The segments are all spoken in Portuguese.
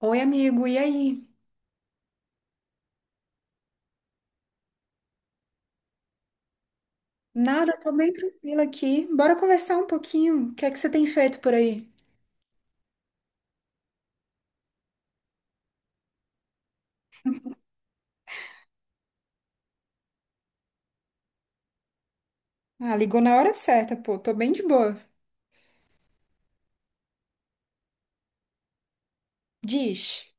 Oi, amigo, e aí? Nada, tô bem tranquila aqui. Bora conversar um pouquinho. O que é que você tem feito por aí? Ah, ligou na hora certa, pô. Tô bem de boa. Diz.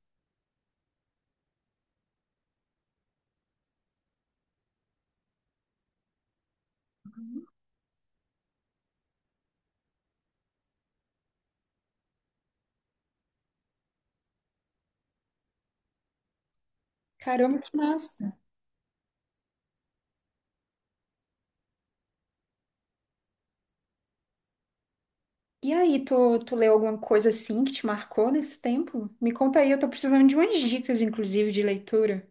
Caramba, que massa. E aí, tu leu alguma coisa assim que te marcou nesse tempo? Me conta aí, eu tô precisando de umas dicas, inclusive, de leitura.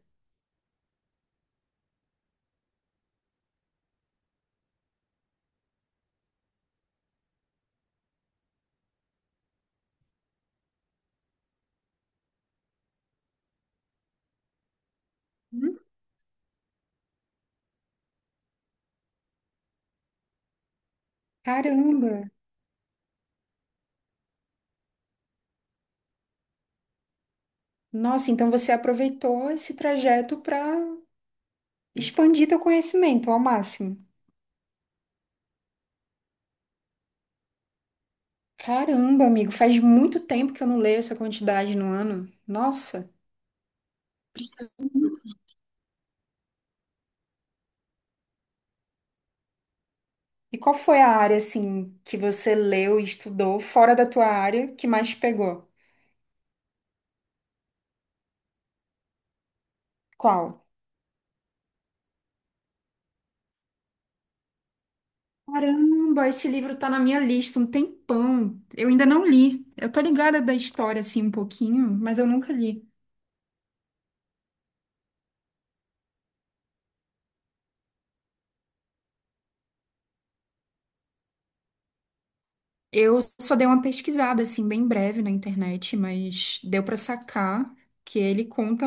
Hum? Caramba. Nossa, então você aproveitou esse trajeto pra expandir teu conhecimento ao máximo. Caramba, amigo, faz muito tempo que eu não leio essa quantidade no ano. Nossa. E qual foi a área assim que você leu e estudou fora da tua área que mais te pegou? Qual? Caramba, esse livro tá na minha lista um tempão. Eu ainda não li. Eu tô ligada da história, assim, um pouquinho, mas eu nunca li. Eu só dei uma pesquisada, assim, bem breve na internet, mas deu pra sacar que ele conta,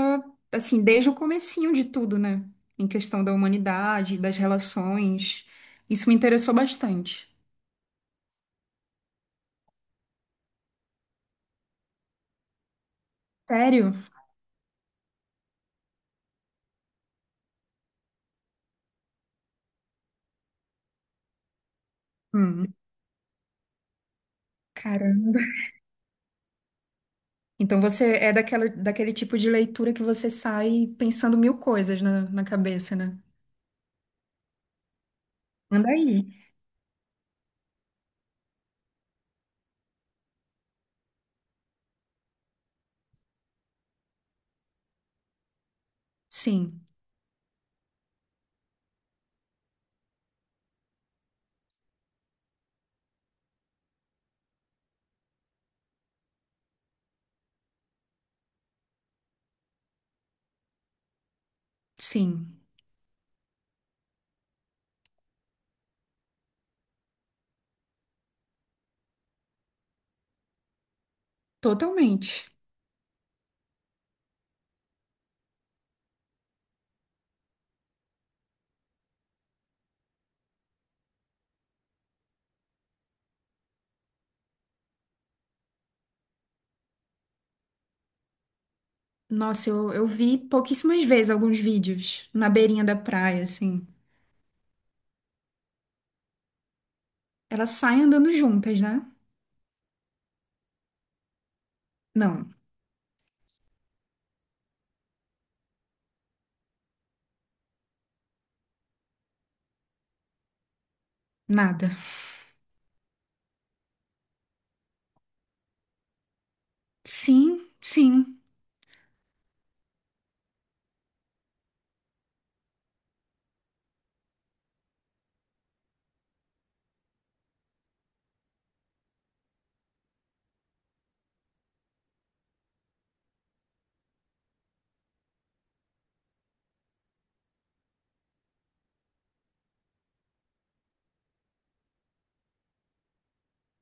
assim, desde o comecinho de tudo, né? Em questão da humanidade, das relações. Isso me interessou bastante. Sério? Hum. Caramba. Então você é daquela, daquele tipo de leitura que você sai pensando mil coisas na, na cabeça, né? Anda aí. Sim, sim, totalmente. Nossa, eu vi pouquíssimas vezes alguns vídeos na beirinha da praia, assim. Elas saem andando juntas, né? Não, nada. Sim, sim.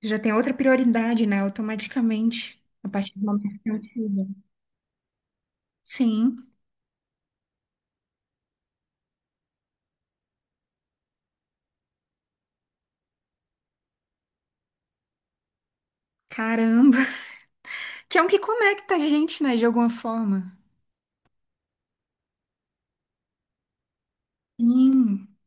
Já tem outra prioridade, né? Automaticamente, a partir do momento que tem um filho. Sim, caramba. Que é um que conecta a gente, né? De alguma forma. Sim.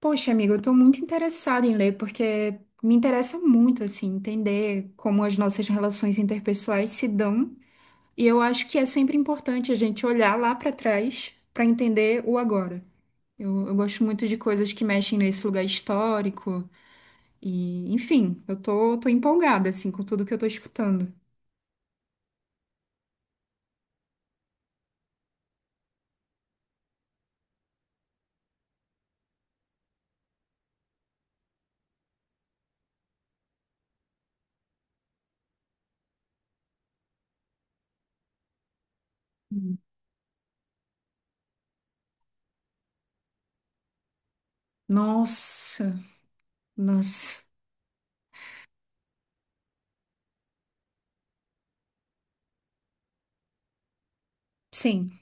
Poxa, amigo, eu tô muito interessada em ler porque me interessa muito assim entender como as nossas relações interpessoais se dão, e eu acho que é sempre importante a gente olhar lá pra trás pra entender o agora. Eu gosto muito de coisas que mexem nesse lugar histórico e, enfim, eu tô, tô empolgada assim com tudo que eu tô escutando. Hum. Nossa, nossa. Sim,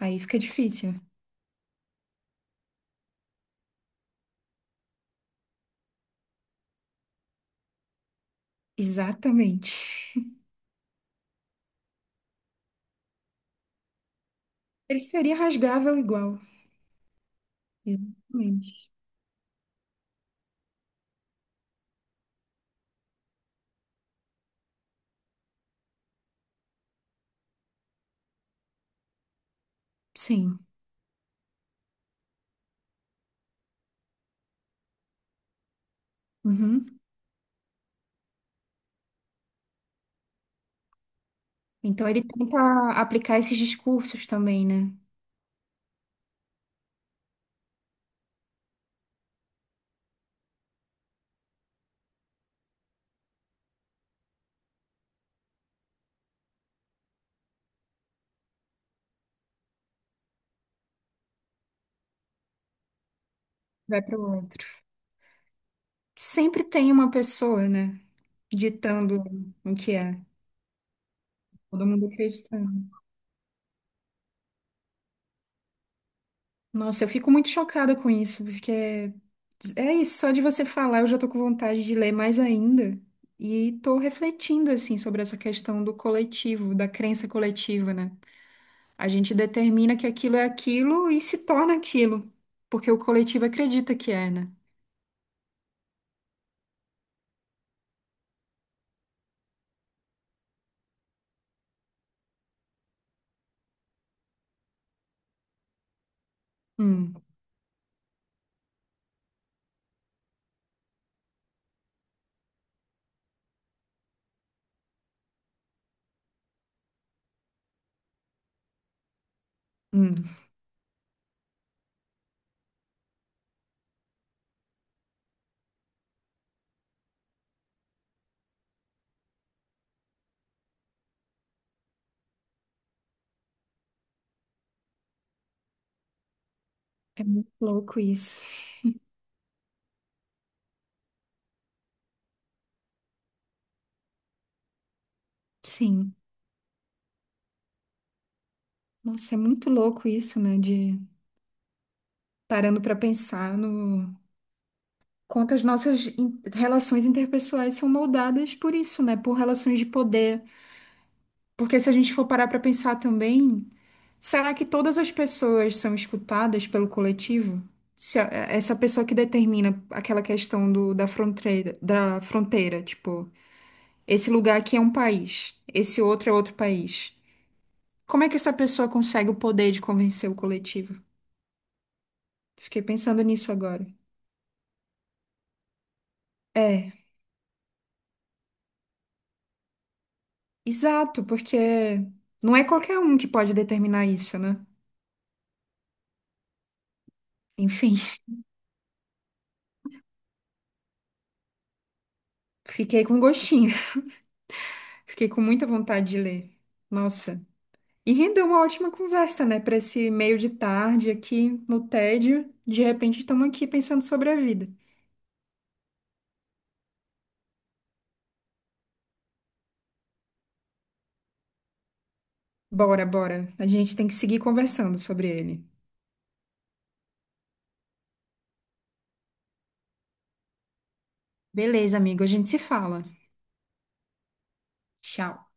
aí fica difícil. Exatamente. Ele seria rasgável igual. Exatamente. Sim. Uhum. Então ele tenta aplicar esses discursos também, né? Vai para o outro. Sempre tem uma pessoa, né? Ditando o que é. Todo mundo acreditando. Nossa, eu fico muito chocada com isso, porque é, é isso, só de você falar eu já tô com vontade de ler mais ainda. E tô refletindo, assim, sobre essa questão do coletivo, da crença coletiva, né? A gente determina que aquilo é aquilo e se torna aquilo, porque o coletivo acredita que é, né? Hum, hum. Louco isso. Sim. Nossa, é muito louco isso, né? De parando para pensar no quanto as nossas in- relações interpessoais são moldadas por isso, né? Por relações de poder. Porque se a gente for parar para pensar também, será que todas as pessoas são escutadas pelo coletivo? Se a- é, essa pessoa que determina aquela questão do, da fronteira, tipo, esse lugar aqui é um país, esse outro é outro país. Como é que essa pessoa consegue o poder de convencer o coletivo? Fiquei pensando nisso agora. É, exato, porque não é qualquer um que pode determinar isso, né? Enfim, fiquei com gostinho, fiquei com muita vontade de ler. Nossa. E rendeu uma ótima conversa, né? Para esse meio de tarde aqui no tédio. De repente estamos aqui pensando sobre a vida. Bora, bora. A gente tem que seguir conversando sobre ele. Beleza, amigo, a gente se fala. Tchau.